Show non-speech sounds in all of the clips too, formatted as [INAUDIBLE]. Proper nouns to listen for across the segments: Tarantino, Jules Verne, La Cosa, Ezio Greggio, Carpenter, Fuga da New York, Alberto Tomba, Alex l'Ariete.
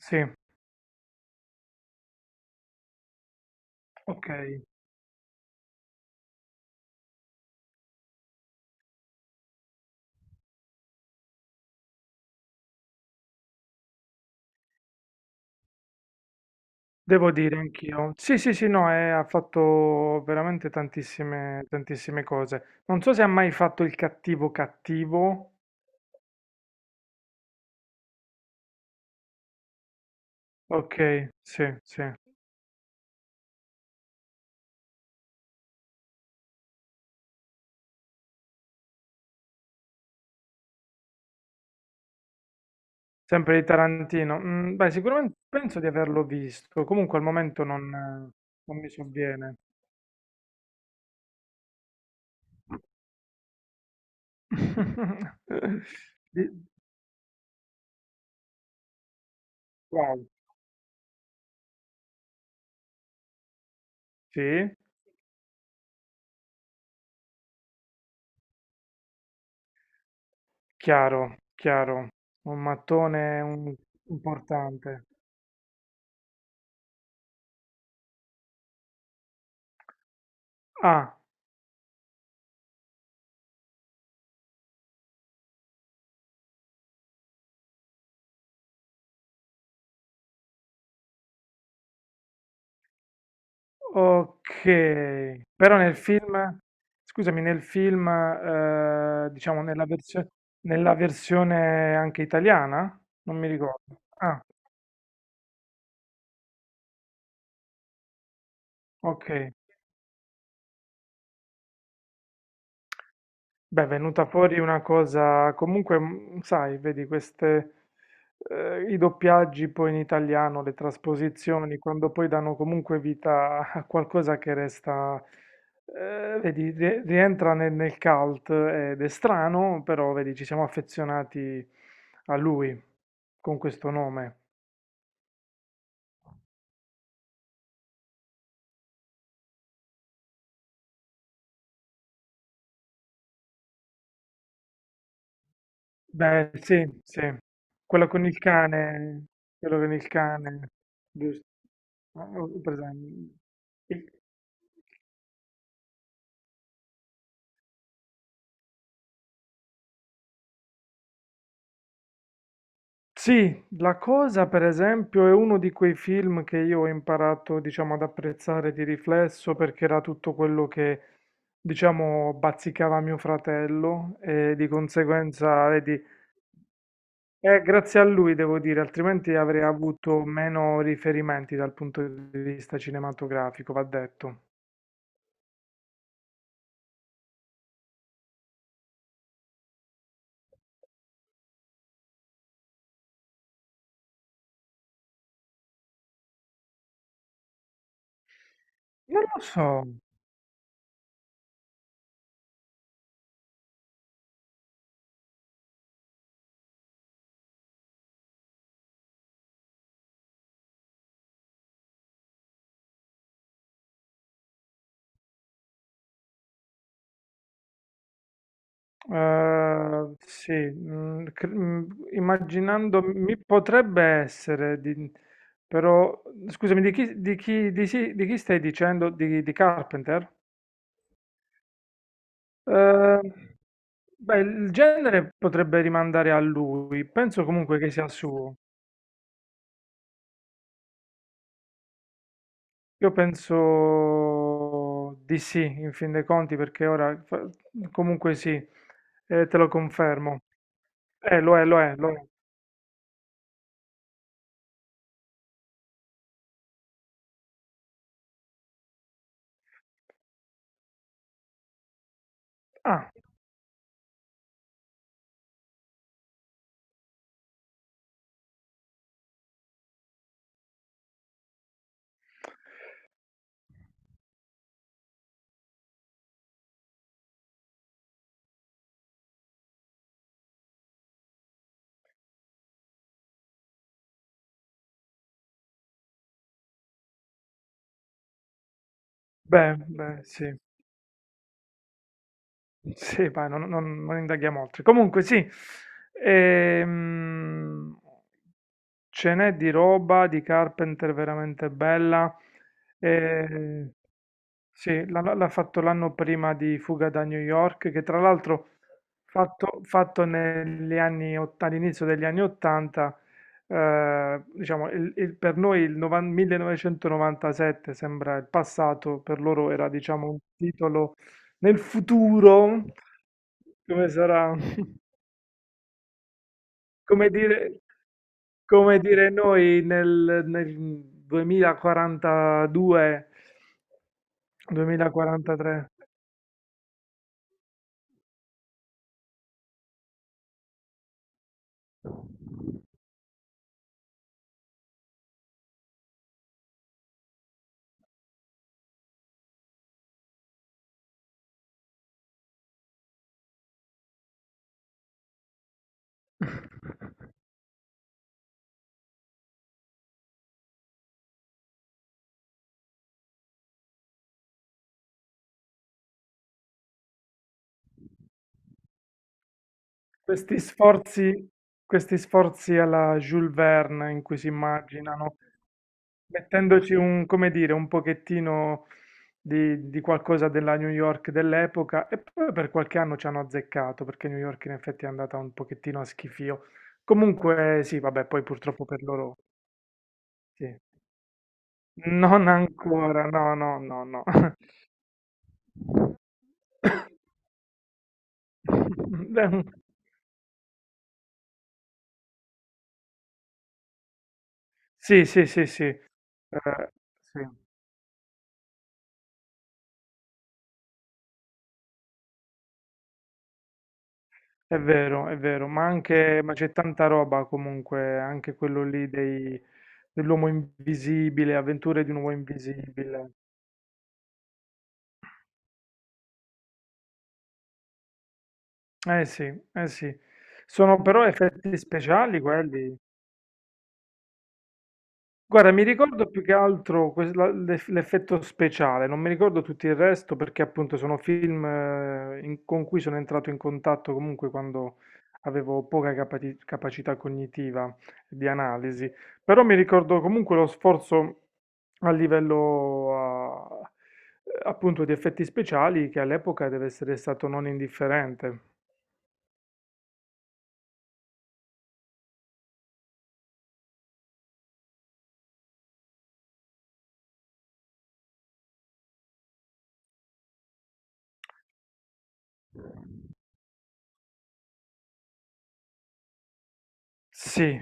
Sì, ok, devo dire anch'io. Sì, sì, sì, no, ha fatto veramente tantissime, tantissime cose. Non so se ha mai fatto il cattivo cattivo. Ok, sì, sì. Sempre di Tarantino. Beh, sicuramente penso di averlo visto. Comunque al momento non mi sovviene. [LAUGHS] Di- Wow, sì, chiaro, chiaro. Un mattone un- importante. Ah. Ok, però nel film, scusami, nel film, diciamo nella versione anche italiana? Non mi ricordo. Ah, ok. Beh, è venuta fuori una cosa, comunque, sai, vedi queste, i doppiaggi poi in italiano, le trasposizioni, quando poi danno comunque vita a qualcosa che resta, vedi, rientra nel, nel cult ed è strano, però vedi, ci siamo affezionati a lui con questo nome. Beh, sì, sì, quello con il cane, quello con il cane, giusto. Ah, ho presente. Sì, La Cosa per esempio è uno di quei film che io ho imparato, diciamo, ad apprezzare di riflesso perché era tutto quello che, diciamo, bazzicava mio fratello e di conseguenza, vedi, è grazie a lui devo dire, altrimenti avrei avuto meno riferimenti dal punto di vista cinematografico, va detto. Non lo so. Immaginando, mi potrebbe essere, di- però scusami, di chi stai dicendo? Di Carpenter? Eh, beh, il genere potrebbe rimandare a lui, penso comunque che sia suo. Io penso di sì, in fin dei conti, perché comunque sì, te lo confermo. Lo è, lo è, lo è. Ah, beh, beh, sì. Sì, ma non indaghiamo oltre. Comunque sì, ehm, ce n'è di roba di Carpenter veramente bella. Eh, sì, l'ha fatto l'anno prima di Fuga da New York, che tra l'altro fatto all'inizio degli anni 80, diciamo, per noi 1997 sembra il passato, per loro era diciamo un titolo nel futuro, come sarà? [LAUGHS] Come dire, come dire noi nel 2042, 2043. Questi sforzi, questi sforzi alla Jules Verne in cui si immaginano, mettendoci un, come dire, un pochettino di qualcosa della New York dell'epoca e poi per qualche anno ci hanno azzeccato perché New York in effetti è andata un pochettino a schifio. Comunque sì, vabbè, poi purtroppo per loro sì. Non ancora, no, no, no, no. [LAUGHS] Beh, sì, sì, sì, sì. Sì. È vero, ma anche, ma c'è tanta roba comunque, anche quello dell'uomo invisibile, avventure di un uomo invisibile. Eh sì, eh sì. Sono però effetti speciali quelli. Guarda, mi ricordo più che altro l'effetto speciale, non mi ricordo tutto il resto perché appunto sono film con cui sono entrato in contatto comunque quando avevo poca capacità cognitiva di analisi, però mi ricordo comunque lo sforzo a livello appunto di effetti speciali che all'epoca deve essere stato non indifferente. Sì.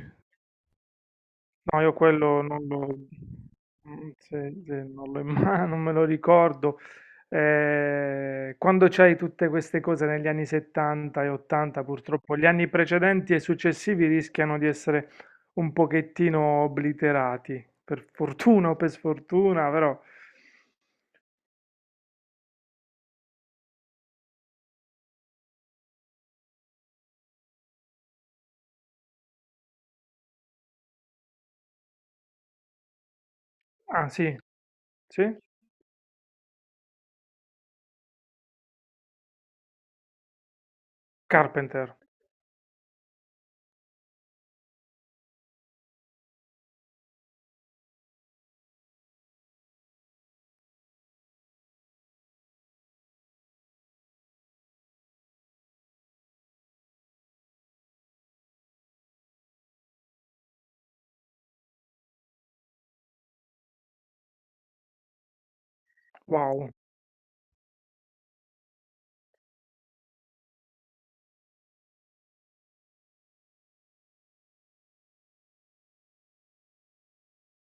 No, io quello non lo, mm, se- se non lo imma- [LAUGHS] non me lo ricordo. Quando c'hai tutte queste cose negli anni 70 e 80, purtroppo gli anni precedenti e successivi rischiano di essere un pochettino obliterati, per fortuna o per sfortuna, però... Ah, sì, sì? Carpenter. Wow,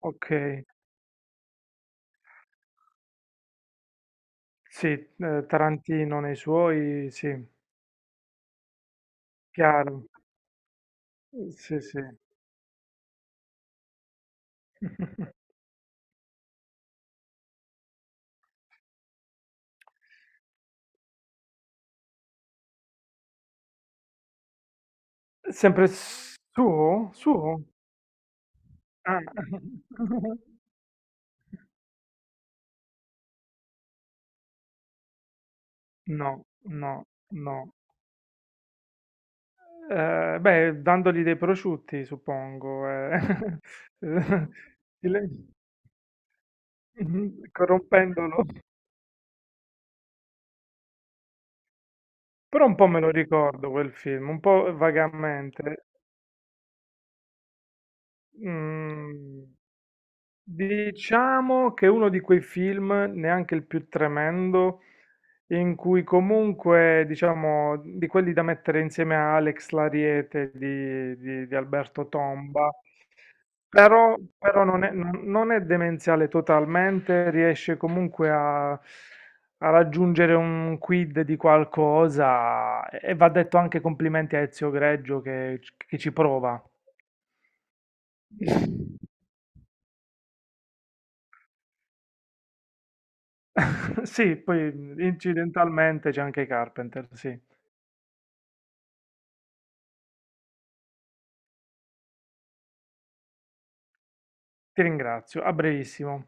ok. Sì, Tarantino nei suoi, sì, chiaro. Sì, sì. [LAUGHS] Sempre suo? Suo? Ah. [LAUGHS] No, no, no. Beh, dandogli dei prosciutti, suppongo, eh. [LAUGHS] Eh, Il [LAUGHS] mh-mh, corrompendolo. Però un po' me lo ricordo quel film, un po' vagamente. Mhmm. Diciamo che è uno di quei film, neanche il più tremendo, in cui comunque, diciamo, di quelli da mettere insieme a Alex l'Ariete di Alberto Tomba, però, non è demenziale totalmente, riesce comunque a raggiungere un quid di qualcosa e va detto anche complimenti a Ezio Greggio che ci prova. [LAUGHS] Sì, poi incidentalmente c'è anche Carpenter, sì. Ti ringrazio, a brevissimo.